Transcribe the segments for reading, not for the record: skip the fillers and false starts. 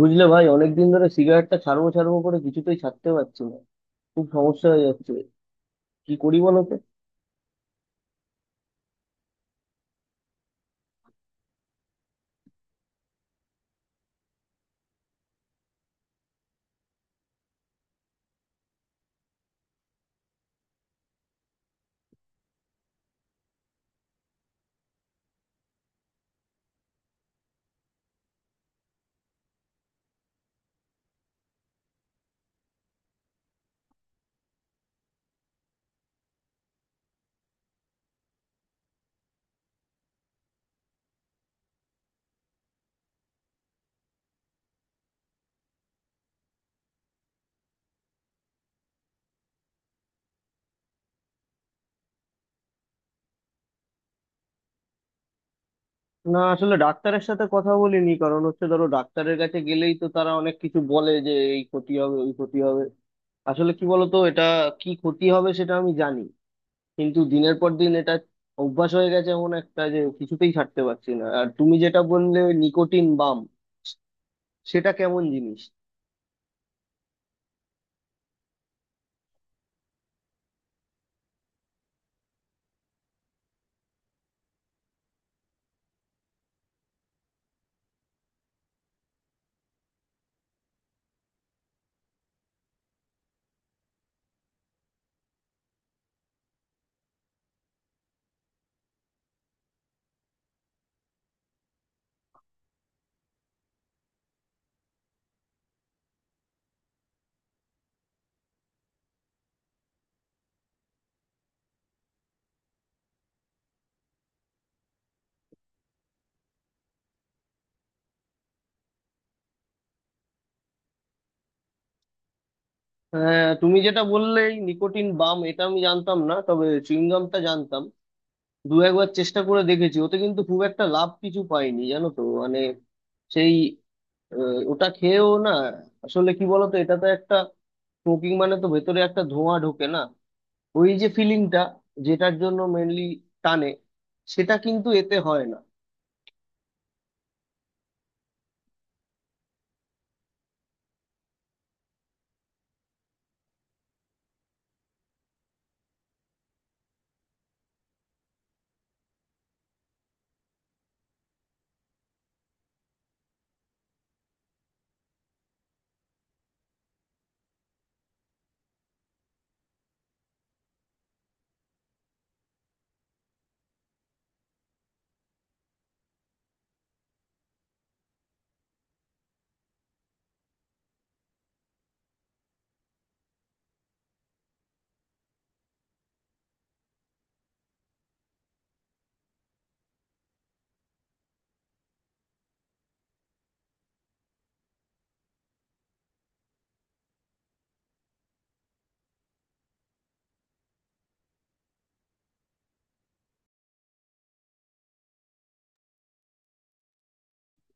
বুঝলে ভাই, অনেকদিন ধরে সিগারেটটা ছাড়বো ছাড়বো করে কিছুতেই ছাড়তে পারছি না। খুব সমস্যা হয়ে যাচ্ছে। কি করি বলো তো? না, আসলে ডাক্তারের সাথে কথা বলিনি, কারণ হচ্ছে ধরো ডাক্তারের কাছে গেলেই তো তারা অনেক কিছু বলে যে এই ক্ষতি হবে, ওই ক্ষতি হবে। আসলে কি বলতো, এটা কি ক্ষতি হবে সেটা আমি জানি, কিন্তু দিনের পর দিন এটা অভ্যাস হয়ে গেছে এমন একটা, যে কিছুতেই ছাড়তে পারছি না। আর তুমি যেটা বললে নিকোটিন বাম, সেটা কেমন জিনিস? হ্যাঁ, তুমি যেটা বললে এই নিকোটিন বাম, এটা আমি জানতাম না, তবে চুইংগামটা জানতাম। দু একবার চেষ্টা করে দেখেছি, ওতে কিন্তু খুব একটা লাভ কিছু পাইনি, জানো তো মানে সেই ওটা খেয়েও না। আসলে কি বলতো, এটা তো একটা স্মোকিং মানে তো ভেতরে একটা ধোঁয়া ঢোকে না? ওই যে ফিলিংটা, যেটার জন্য মেনলি টানে, সেটা কিন্তু এতে হয় না।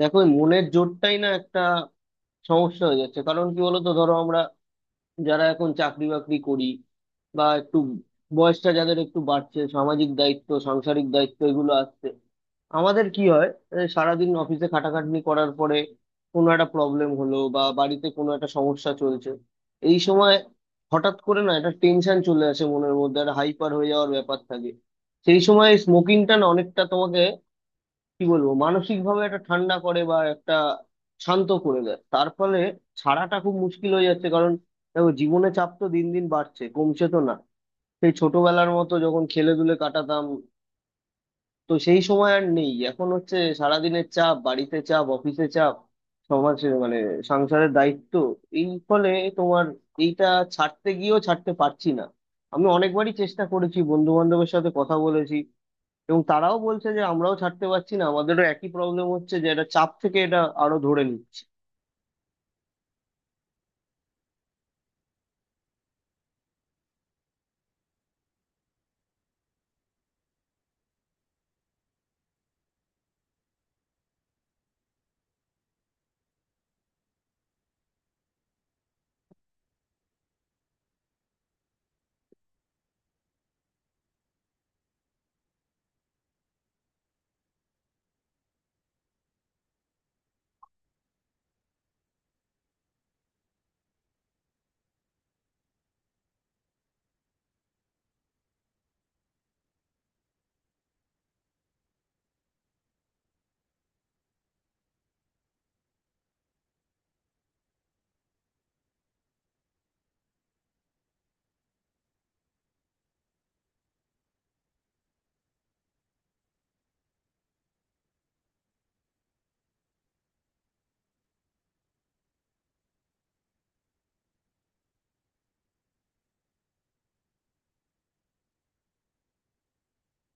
দেখো, এই মনের জোরটাই না একটা সমস্যা হয়ে যাচ্ছে। কারণ কি বলতো, ধরো আমরা যারা এখন চাকরি বাকরি করি, বা একটু বয়সটা যাদের একটু বাড়ছে, সামাজিক দায়িত্ব, সাংসারিক দায়িত্ব এগুলো আসছে, আমাদের কি হয়, এই সারাদিন অফিসে খাটাখাটনি করার পরে কোনো একটা প্রবলেম হলো বা বাড়িতে কোনো একটা সমস্যা চলছে, এই সময় হঠাৎ করে না একটা টেনশন চলে আসে মনের মধ্যে, একটা হাইপার হয়ে যাওয়ার ব্যাপার থাকে। সেই সময় স্মোকিংটা না অনেকটা তোমাকে কি বলবো, মানসিক ভাবে একটা ঠান্ডা করে বা একটা শান্ত করে দেয়, তার ফলে ছাড়াটা খুব মুশকিল হয়ে যাচ্ছে। কারণ দেখো, জীবনে চাপ তো দিন দিন বাড়ছে, কমছে তো না। সেই ছোটবেলার মতো যখন খেলে দুলে কাটাতাম, তো সেই সময় আর নেই। এখন হচ্ছে সারাদিনের চাপ, বাড়িতে চাপ, অফিসে চাপ, সমাজে মানে সংসারের দায়িত্ব, এই ফলে তোমার এইটা ছাড়তে গিয়েও ছাড়তে পারছি না। আমি অনেকবারই চেষ্টা করেছি, বন্ধু বান্ধবের সাথে কথা বলেছি, এবং তারাও বলছে যে আমরাও ছাড়তে পারছি না, আমাদেরও একই প্রবলেম হচ্ছে, যে এটা চাপ থেকে এটা আরো ধরে নিচ্ছে।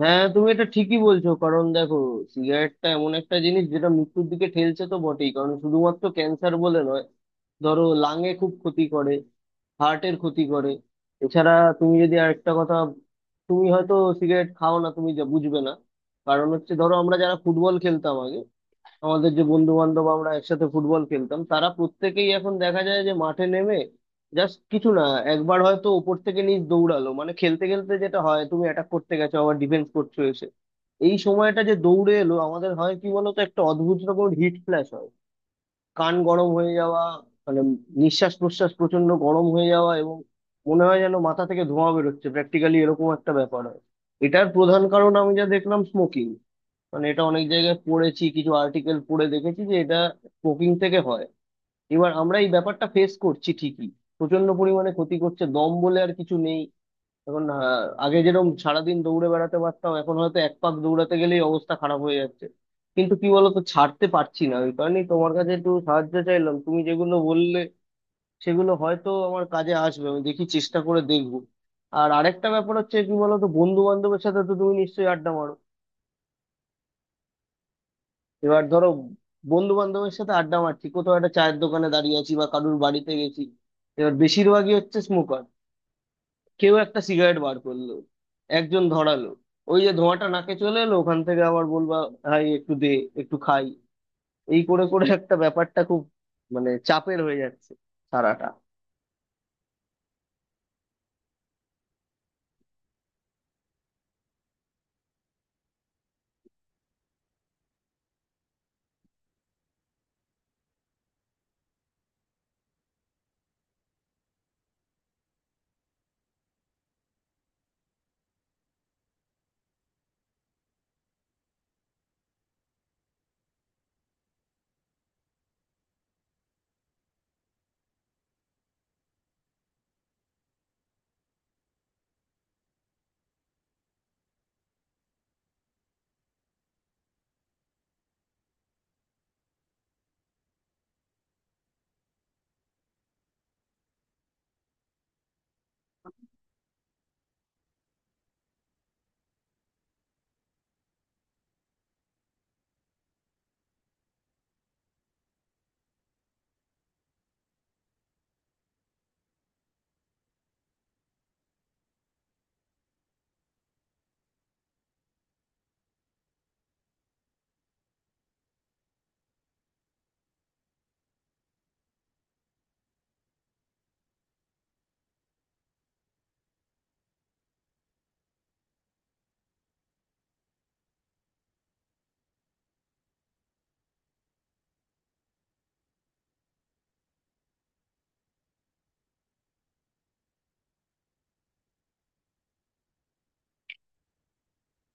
হ্যাঁ, তুমি এটা ঠিকই বলছো। কারণ দেখো, সিগারেটটা এমন একটা জিনিস যেটা মৃত্যুর দিকে ঠেলছে তো বটেই, কারণ শুধুমাত্র ক্যান্সার বলে নয়, ধরো লাঙে খুব ক্ষতি করে, হার্টের ক্ষতি করে। এছাড়া তুমি যদি আরেকটা কথা, তুমি হয়তো সিগারেট খাও না, তুমি যা বুঝবে না। কারণ হচ্ছে ধরো আমরা যারা ফুটবল খেলতাম আগে, আমাদের যে বন্ধু বান্ধব আমরা একসাথে ফুটবল খেলতাম, তারা প্রত্যেকেই এখন দেখা যায় যে মাঠে নেমে জাস্ট কিছু না, একবার হয়তো ওপর থেকে নিচ দৌড়ালো, মানে খেলতে খেলতে যেটা হয় তুমি অ্যাটাক করতে গেছো, আবার ডিফেন্স করছো এসে, এই সময়টা যে দৌড়ে এলো, আমাদের হয় কি বলতো একটা অদ্ভুত রকম হিট ফ্ল্যাশ হয়, কান গরম হয়ে যাওয়া, মানে নিঃশ্বাস প্রশ্বাস প্রচন্ড গরম হয়ে যাওয়া, এবং মনে হয় যেন মাথা থেকে ধোঁয়া বেরোচ্ছে প্র্যাকটিক্যালি, এরকম একটা ব্যাপার হয়। এটার প্রধান কারণ আমি যা দেখলাম স্মোকিং, মানে এটা অনেক জায়গায় পড়েছি, কিছু আর্টিকেল পড়ে দেখেছি যে এটা স্মোকিং থেকে হয়। এবার আমরা এই ব্যাপারটা ফেস করছি ঠিকই, প্রচন্ড পরিমাণে ক্ষতি করছে, দম বলে আর কিছু নেই। এখন আগে যেরকম সারাদিন দৌড়ে বেড়াতে পারতাম, এখন হয়তো এক পাক দৌড়াতে গেলেই অবস্থা খারাপ হয়ে যাচ্ছে। কিন্তু কি বলতো, ছাড়তে পারছি না, ওই কারণেই তোমার কাছে একটু সাহায্য চাইলাম। তুমি যেগুলো বললে সেগুলো হয়তো আমার কাজে আসবে, আমি দেখি চেষ্টা করে দেখবো। আর আরেকটা ব্যাপার হচ্ছে কি বলতো, বন্ধু বান্ধবের সাথে তো তুমি নিশ্চয়ই আড্ডা মারো। এবার ধরো, বন্ধু বান্ধবের সাথে আড্ডা মারছি, কোথাও একটা চায়ের দোকানে দাঁড়িয়ে আছি বা কারুর বাড়িতে গেছি, এবার বেশিরভাগই হচ্ছে স্মোকার, কেউ একটা সিগারেট বার করলো, একজন ধরালো, ওই যে ধোঁয়াটা নাকে চলে এলো, ওখান থেকে আবার বলবা ভাই একটু দে, একটু খাই। এই করে করে একটা ব্যাপারটা খুব মানে চাপের হয়ে যাচ্ছে সারাটা।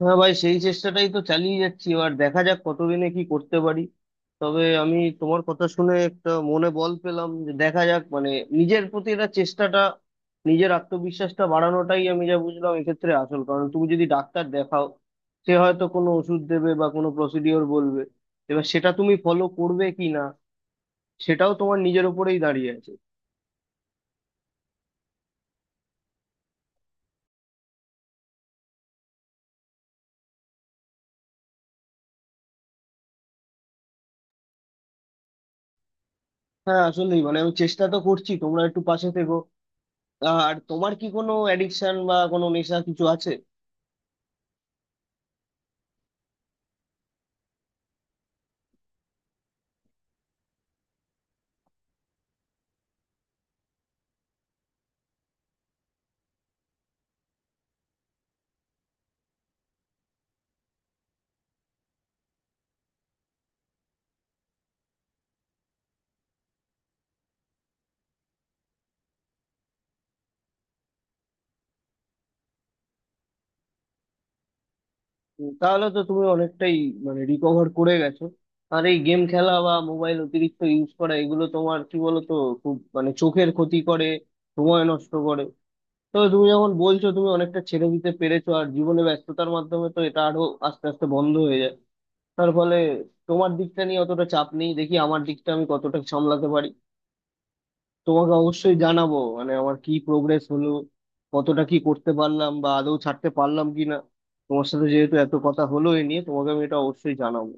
হ্যাঁ ভাই, সেই চেষ্টাটাই তো চালিয়ে যাচ্ছি, এবার দেখা যাক কতদিনে কি করতে পারি। তবে আমি তোমার কথা শুনে একটা মনে বল পেলাম, যে দেখা যাক মানে নিজের প্রতি এটা চেষ্টাটা, নিজের আত্মবিশ্বাসটা বাড়ানোটাই আমি যা বুঝলাম এক্ষেত্রে আসল কারণ। তুমি যদি ডাক্তার দেখাও, সে হয়তো কোনো ওষুধ দেবে বা কোনো প্রসিডিওর বলবে, এবার সেটা তুমি ফলো করবে কি না, সেটাও তোমার নিজের উপরেই দাঁড়িয়ে আছে। হ্যাঁ, আসলেই মানে আমি চেষ্টা তো করছি, তোমরা একটু পাশে থেকো। আর তোমার কি কোনো অ্যাডিকশন বা কোনো নেশা কিছু আছে? তাহলে তো তুমি অনেকটাই মানে রিকভার করে গেছো। আর এই গেম খেলা বা মোবাইল অতিরিক্ত ইউজ করা এগুলো তোমার কি বলতো খুব মানে চোখের ক্ষতি করে, সময় নষ্ট করে। তো তুমি যখন বলছো তুমি অনেকটা ছেড়ে দিতে পেরেছো, আর জীবনে ব্যস্ততার মাধ্যমে তো এটা আরো আস্তে আস্তে বন্ধ হয়ে যায়, তার ফলে তোমার দিকটা নিয়ে অতটা চাপ নেই। দেখি আমার দিকটা আমি কতটা সামলাতে পারি। তোমাকে অবশ্যই জানাবো মানে আমার কি প্রোগ্রেস হলো, কতটা কি করতে পারলাম বা আদৌ ছাড়তে পারলাম কিনা। তোমার সাথে যেহেতু এত কথা হলো এ নিয়ে, তোমাকে আমি এটা অবশ্যই জানাবো।